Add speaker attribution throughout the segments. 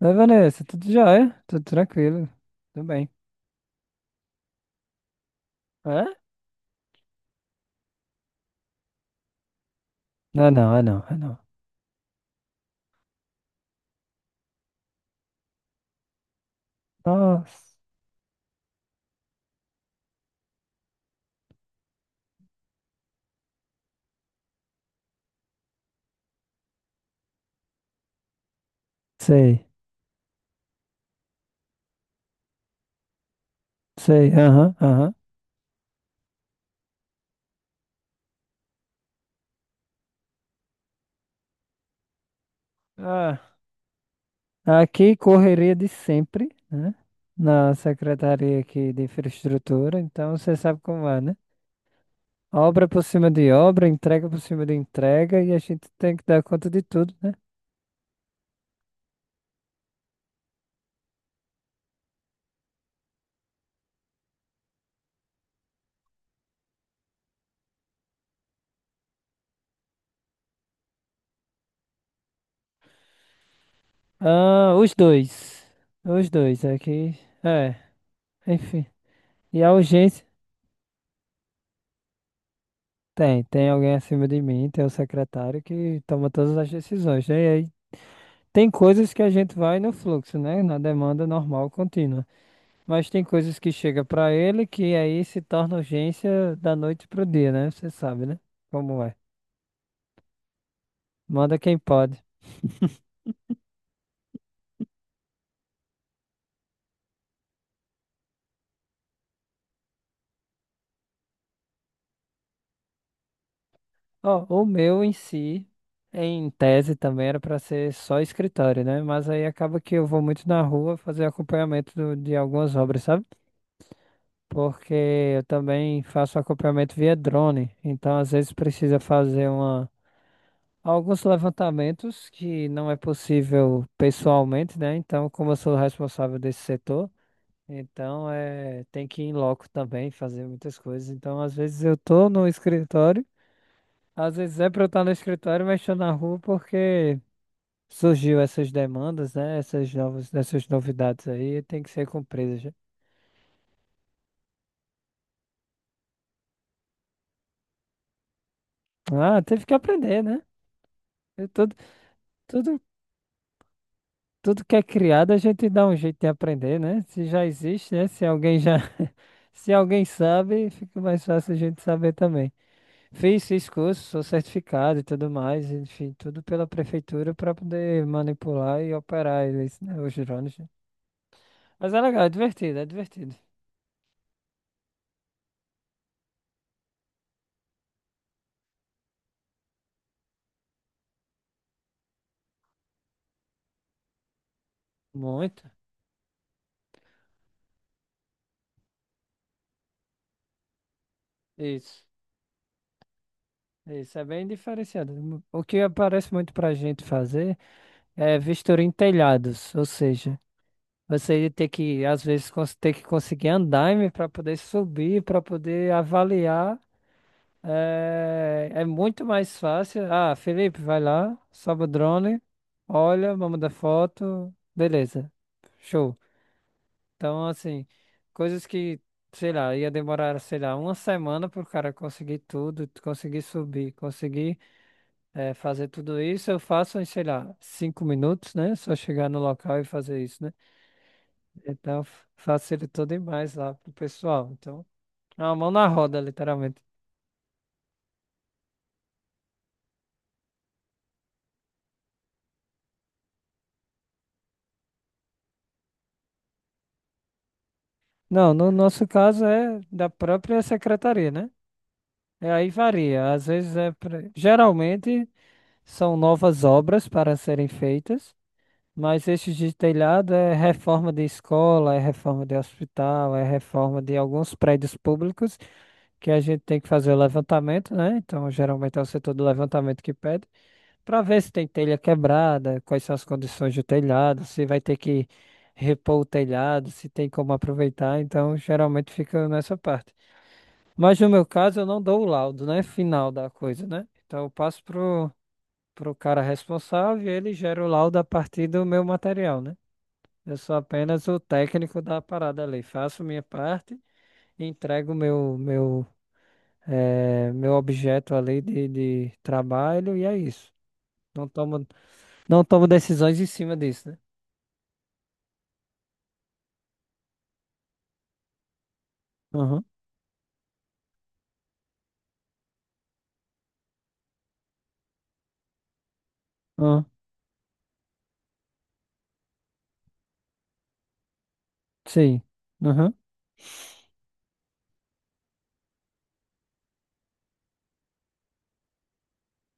Speaker 1: Oi, Vanessa, tudo jóia? Tudo tranquilo, tudo bem. Hã? Ah, não, ah, não, ah, não. Nossa, sei, sei, aham, aham. Ah, Aqui, correria de sempre, né? Na secretaria aqui de infraestrutura, então você sabe como é, né? Obra por cima de obra, entrega por cima de entrega, e a gente tem que dar conta de tudo, né? Ah, os dois aqui, é, enfim. E a urgência. Tem alguém acima de mim, tem o secretário que toma todas as decisões, né? E aí tem coisas que a gente vai no fluxo, né? Na demanda normal, contínua. Mas tem coisas que chega para ele que aí se torna urgência da noite pro dia, né? Você sabe, né? Como é. Manda quem pode. Ó, o meu em si, em tese também era para ser só escritório, né? Mas aí acaba que eu vou muito na rua fazer acompanhamento de algumas obras, sabe? Porque eu também faço acompanhamento via drone, então às vezes precisa fazer uma, alguns levantamentos que não é possível pessoalmente, né? Então, como eu sou o responsável desse setor, então é, tem que ir em loco também, fazer muitas coisas. Então, às vezes eu tô no escritório, às vezes é para eu estar no escritório, mas estou na rua porque surgiu essas demandas, né? Essas novas, essas novidades aí, tem que ser cumpridas. Já. Ah, teve que aprender, né? Eu tô- Tudo, tudo que é criado, a gente dá um jeito de aprender, né? Se já existe, né? Se alguém já. Se alguém sabe, fica mais fácil a gente saber também. Fiz curso, sou certificado e tudo mais, enfim, tudo pela prefeitura para poder manipular e operar eles, né? Os drones. Né? Mas é legal, é divertido, é divertido. Muito. Isso. Isso é bem diferenciado. O que aparece muito para a gente fazer é vistoria em telhados, ou seja, você ia ter que, às vezes, ter que conseguir andaime para poder subir, para poder avaliar. É, é muito mais fácil. Ah, Felipe, vai lá, sobe o drone, olha, vamos dar foto, beleza, show. Então, assim, coisas que, sei lá, ia demorar, sei lá, uma semana para o cara conseguir tudo, conseguir subir, conseguir é, fazer tudo isso, eu faço em, sei lá, cinco minutos, né? Só chegar no local e fazer isso, né? Então facilitou demais lá pro pessoal. Então, é uma mão na roda, literalmente. Não, no nosso caso é da própria secretaria, né? É, aí varia. Às vezes é. Geralmente são novas obras para serem feitas, mas estes de telhado é reforma de escola, é reforma de hospital, é reforma de alguns prédios públicos que a gente tem que fazer o levantamento, né? Então, geralmente é o setor do levantamento que pede. Para ver se tem telha quebrada, quais são as condições do telhado, se vai ter que repor o telhado, se tem como aproveitar. Então, geralmente fica nessa parte. Mas no meu caso, eu não dou o laudo, né? Final da coisa, né? Então, eu passo pro, pro cara responsável e ele gera o laudo a partir do meu material, né? Eu sou apenas o técnico da parada ali. Faço minha parte e entrego meu objeto ali de trabalho e é isso. Não tomo Não tomo decisões em cima disso, né? Aham, aham, sim. Aham,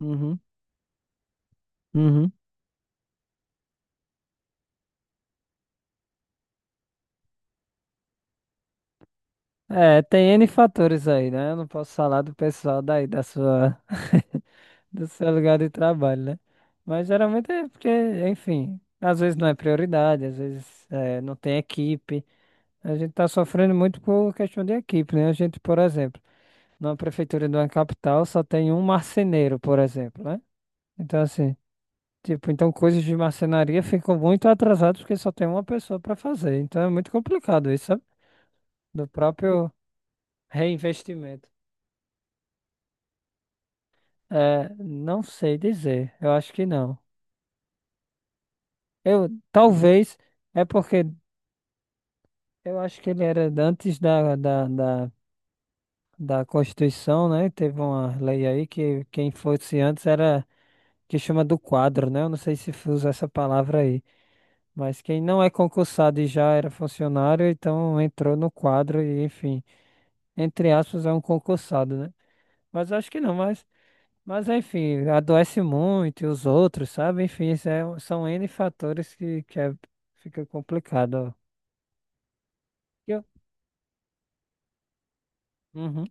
Speaker 1: uhum, uhum. É, tem N fatores aí, né? Eu não posso falar do pessoal daí, do seu lugar de trabalho, né? Mas geralmente é porque, enfim, às vezes não é prioridade, às vezes é, não tem equipe. A gente tá sofrendo muito por questão de equipe, né? A gente, por exemplo, numa prefeitura de uma capital só tem um marceneiro, por exemplo, né? Então, assim. Tipo, então coisas de marcenaria ficam muito atrasadas porque só tem uma pessoa para fazer. Então é muito complicado isso, sabe? Do próprio reinvestimento. É, não sei dizer. Eu acho que não. Eu talvez É porque eu acho que ele era antes da Constituição, né? Teve uma lei aí que quem fosse antes era que chama do quadro, né? Eu não sei se usa essa palavra aí, mas quem não é concursado e já era funcionário, então entrou no quadro e enfim. Entre aspas, é um concursado, né? Mas acho que não, mas enfim, adoece muito e os outros, sabe? Enfim, isso são N fatores fica complicado. Ó. Eu? Uhum,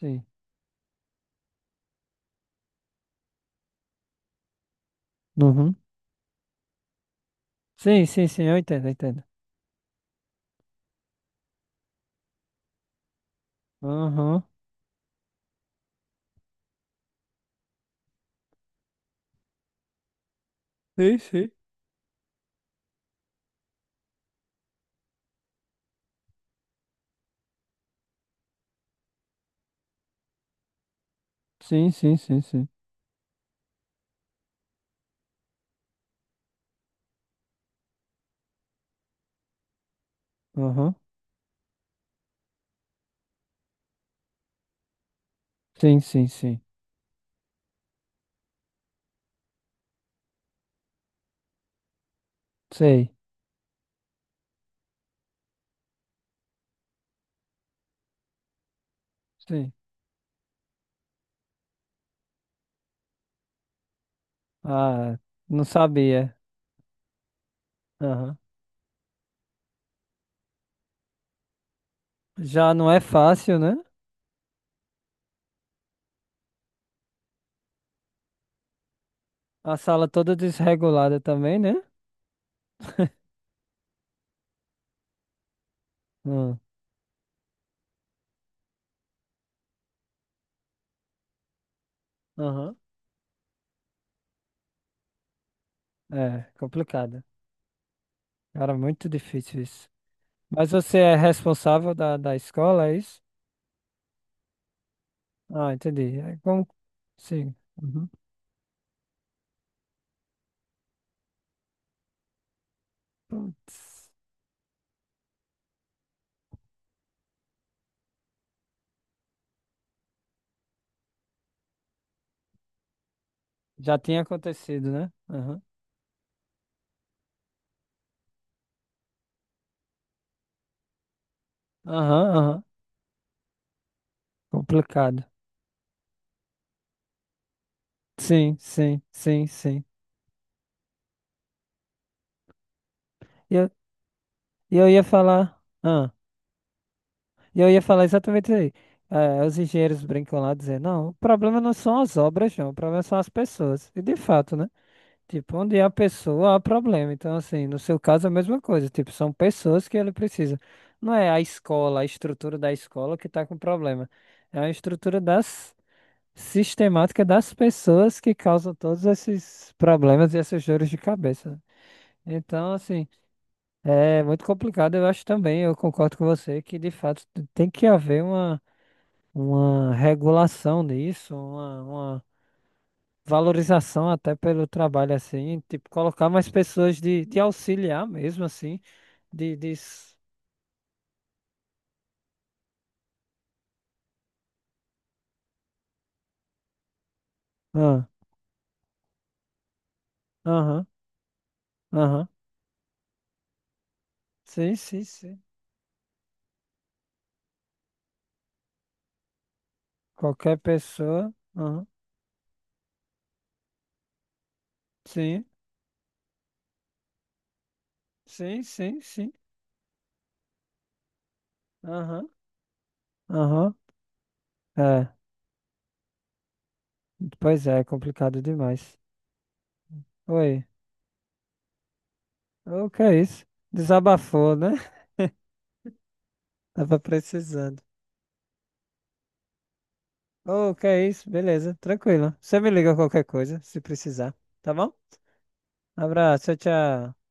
Speaker 1: sim. Uhum. Sim, sim, sim, eu entendo, eu entendo. Uhum. Sim, sim. Sim, sim, sim, sim. Uhum. Sim, sim, sim. Sei, sim. Ah, não sabia. Aham. Já não é fácil, né? A sala toda desregulada também, né? Hum. Aham. É, complicado. Cara, muito difícil isso. Mas você é responsável da escola, é isso? Ah, entendi. É como... Sim. Uhum. Já tinha acontecido, né? Aham, aham, aham. Complicado. Sim, sim, sim, sim. E eu, e eu ia falar. Ah, e eu ia falar exatamente isso aí. Eh, os engenheiros brincam lá dizendo, não, o problema não são as obras, não, o problema são as pessoas. E de fato, né? Tipo, onde há pessoa, há problema. Então, assim, no seu caso é a mesma coisa. Tipo, são pessoas que ele precisa. Não é a escola, a estrutura da escola que está com problema. É a estrutura das sistemática das pessoas que causam todos esses problemas e essas dores de cabeça. Então, assim, é muito complicado, eu acho também. Eu concordo com você que, de fato, tem que haver uma regulação disso, uma valorização até pelo trabalho assim, tipo, colocar mais pessoas de auxiliar mesmo assim, de, de... s- Ah, aham, aham. Sim, sim, sim. Qualquer pessoa, aham. Sim, sim, sim, sim. Aham, aham. É, pois é, é complicado demais. Oi, o que é isso? Desabafou, né? Tava precisando. Ô, que é isso? Beleza, tranquilo. Você me liga qualquer coisa, se precisar, tá bom? Abraço, tchau, tchau.